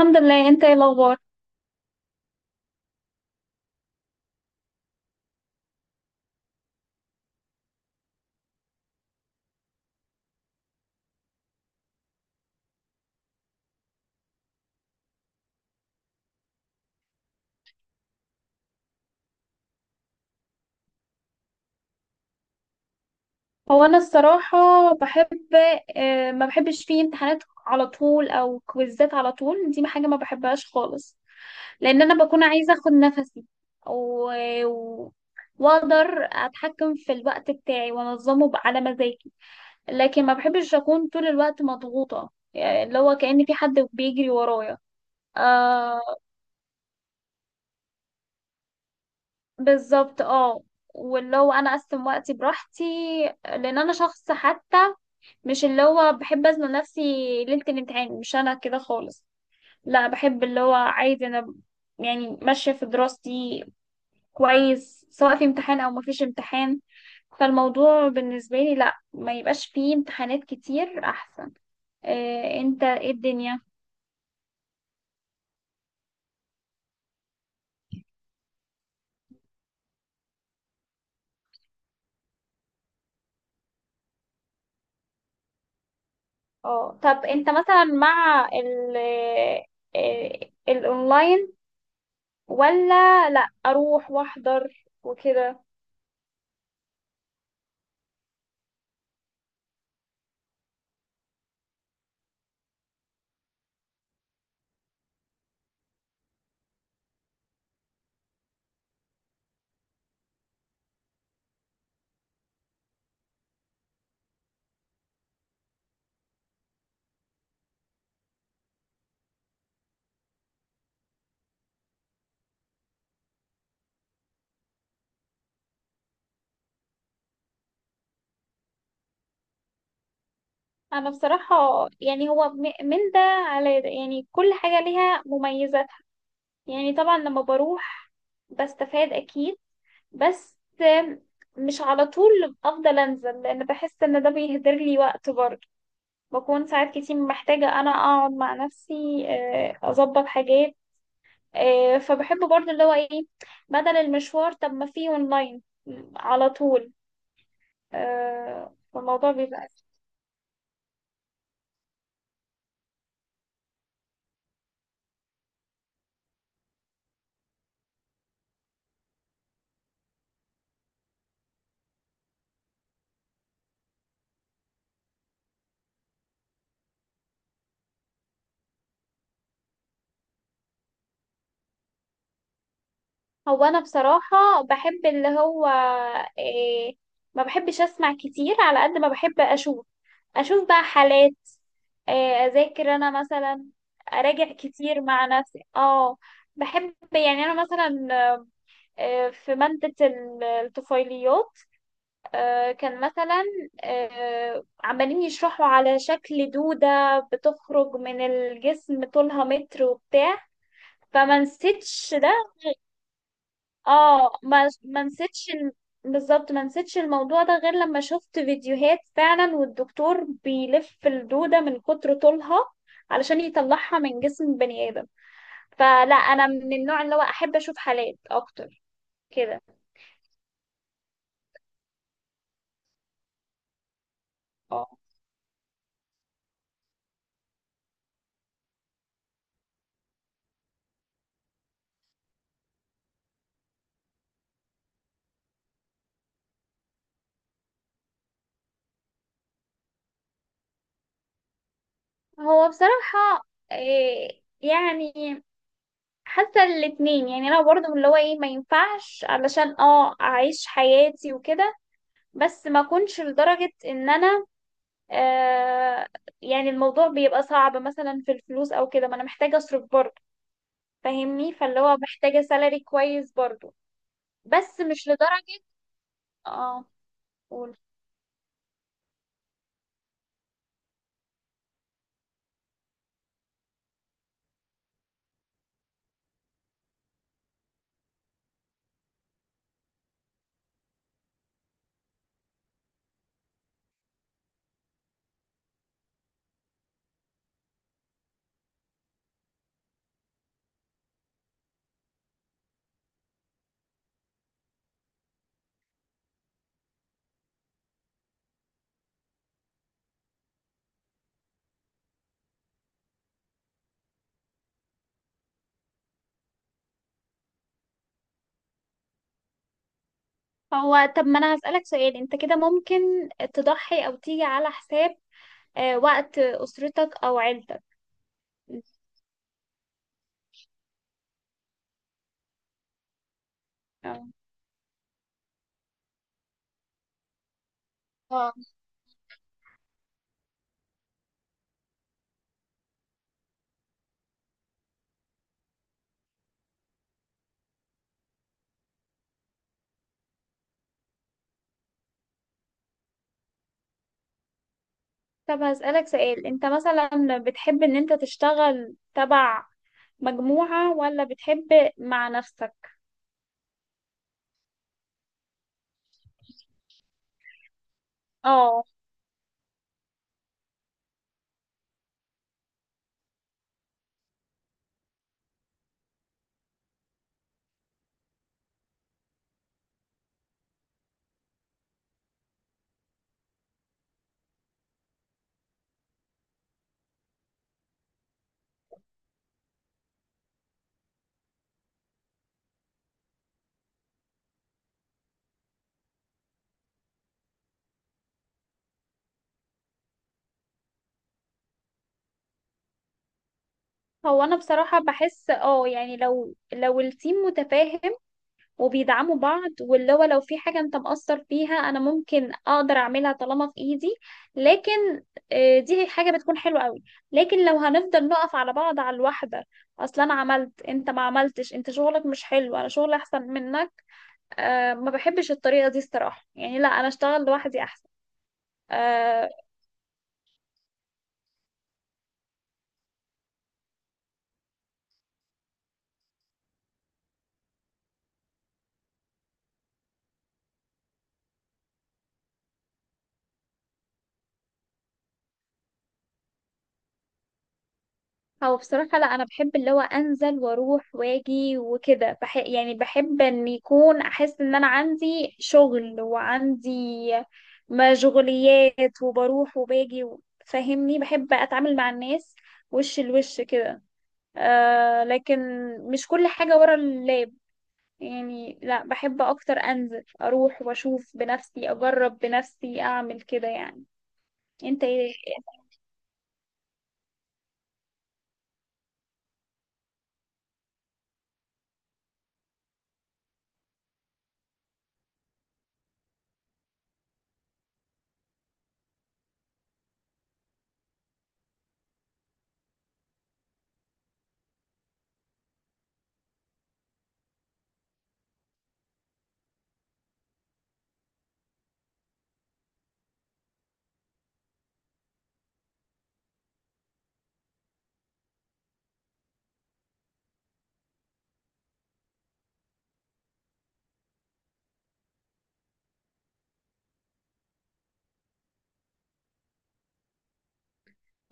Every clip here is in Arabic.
الحمد لله، انت ايه الاخبار؟ هو انا الصراحه بحب، اه ما بحبش فيه امتحانات على طول او كويزات على طول. دي حاجه ما بحبهاش خالص، لان انا بكون عايزه اخد نفسي و... و... واقدر اتحكم في الوقت بتاعي وانظمه على مزاجي. لكن ما بحبش اكون طول الوقت مضغوطه، يعني اللي هو كأن في حد بيجري ورايا. آه، بالظبط اه. واللي هو انا اقسم وقتي براحتي، لان انا شخص حتى مش اللي هو بحب أزنق نفسي ليلة الامتحان. مش أنا كده خالص. لا، بحب اللي هو عايز أنا يعني ماشية في دراستي كويس، سواء في امتحان أو مفيش امتحان. فالموضوع بالنسبة لي لا، ما يبقاش فيه امتحانات كتير أحسن. إيه أنت، إيه الدنيا؟ اه، طب أنت مثلا مع ال الأونلاين ولا لا، أروح وأحضر وكده؟ انا بصراحة يعني هو من ده على ده، يعني كل حاجة ليها مميزاتها. يعني طبعا لما بروح بستفاد اكيد، بس مش على طول افضل انزل، لان بحس ان ده بيهدر لي وقت برضه. بكون ساعات كتير محتاجة انا اقعد مع نفسي، آه، اظبط حاجات. آه، فبحب برضه اللي هو ايه، بدل المشوار طب ما فيه اونلاين على طول. آه، فالموضوع بيبقى. هو انا بصراحة بحب اللي هو إيه، ما بحبش اسمع كتير على قد ما بحب اشوف. اشوف بقى حالات، إيه، اذاكر انا مثلا، اراجع كتير مع نفسي اه. بحب يعني انا مثلا، آه، في مادة الطفيليات، آه، كان مثلا، آه، عمالين يشرحوا على شكل دودة بتخرج من الجسم طولها متر وبتاع، فما نسيتش ده. اه، ما نسيتش بالظبط، ما نسيتش الموضوع ده غير لما شفت فيديوهات فعلا والدكتور بيلف الدودة من كتر طولها علشان يطلعها من جسم بني آدم. فلا، انا من النوع اللي هو احب اشوف حالات اكتر كده. اه، هو بصراحة إيه يعني، حاسة الاتنين. يعني انا برضه من اللي هو ايه، ما ينفعش علشان اه اعيش حياتي وكده، بس ما اكونش لدرجة ان انا آه، يعني الموضوع بيبقى صعب مثلا في الفلوس او كده. ما انا محتاجة اصرف برضه، فاهمني؟ فاللي هو محتاجة سالري كويس برضه، بس مش لدرجة. اه، قول. هو طب ما انا هسألك سؤال، انت كده ممكن تضحي او تيجي على حساب آه وقت اسرتك او عيلتك؟ اه. آه. طب هسألك سؤال، انت مثلا بتحب ان انت تشتغل تبع مجموعة ولا بتحب مع نفسك؟ اه. هو انا بصراحة بحس اه، يعني لو التيم متفاهم وبيدعموا بعض، واللي هو لو في حاجة انت مقصر فيها، انا ممكن اقدر اعملها طالما في ايدي. لكن آه، دي حاجة بتكون حلوة قوي. لكن لو هنفضل نقف على بعض على الواحدة، اصلا انا عملت انت ما عملتش، انت شغلك مش حلو، انا شغلي احسن منك. أه، ما بحبش الطريقة دي الصراحة. يعني لا، انا اشتغل لوحدي احسن. آه. هو بصراحة لا، أنا بحب اللي هو أنزل وأروح وأجي وكده. يعني بحب إن يكون، أحس إن أنا عندي شغل وعندي مشغوليات، وبروح وباجي فاهمني. بحب أتعامل مع الناس وش لوش كده. آه، لكن مش كل حاجة ورا اللاب. يعني لا، بحب أكتر أنزل أروح وأشوف بنفسي، أجرب بنفسي، أعمل كده يعني. أنت إيه-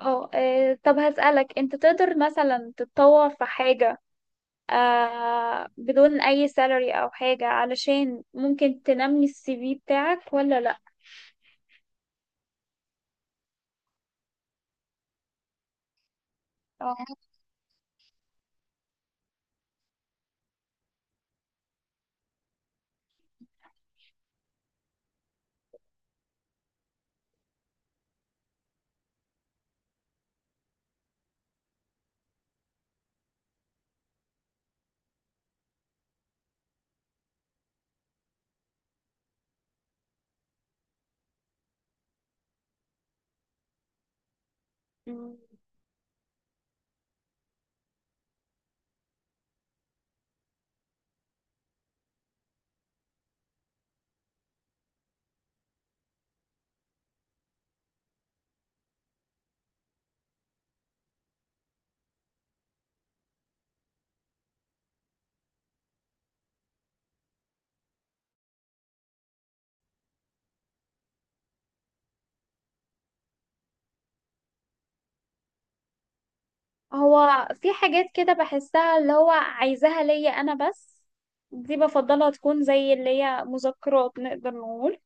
اه، آه، طب هسألك، أنت تقدر مثلا تتطور في حاجة آه بدون اي سالري او حاجة، علشان ممكن تنمي السي في بتاعك ولا لا؟ آه. مم. هو في حاجات كده بحسها اللي هو عايزاها ليا انا بس، دي بفضلها تكون زي اللي هي مذكرات نقدر نقول،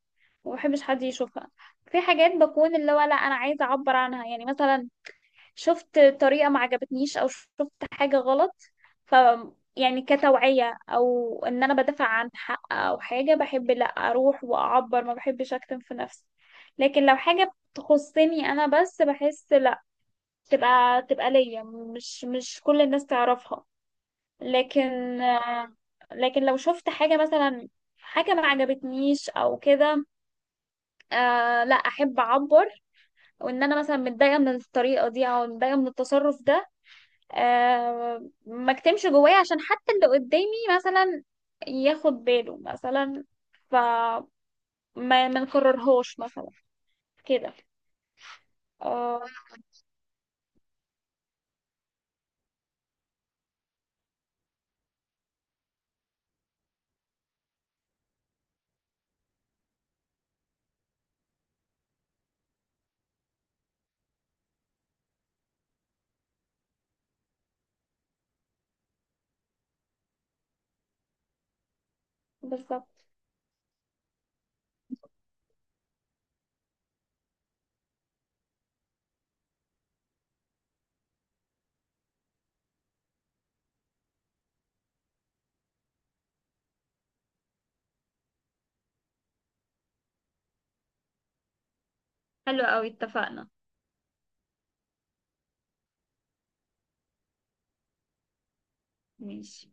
ومبحبش حد يشوفها. في حاجات بكون اللي هو لا، انا عايزه اعبر عنها. يعني مثلا شفت طريقة ما عجبتنيش، او شفت حاجة غلط، ف يعني كتوعية او ان انا بدافع عن حق او حاجة، بحب لا اروح واعبر، ما بحبش اكتم في نفسي. لكن لو حاجة تخصني انا بس، بحس لا، تبقى تبقى ليا، مش كل الناس تعرفها. لكن آه، لكن لو شفت حاجة مثلا، حاجة ما عجبتنيش او كده، آه لا، احب اعبر، وان انا مثلا متضايقة من الطريقة دي او متضايقة من التصرف ده. آه، ما اكتمش جوايا، عشان حتى اللي قدامي مثلا ياخد باله مثلا، فما ما ما نكررهوش مثلا كده. آه، بالظبط. حلو قوي، اتفقنا. ماشي.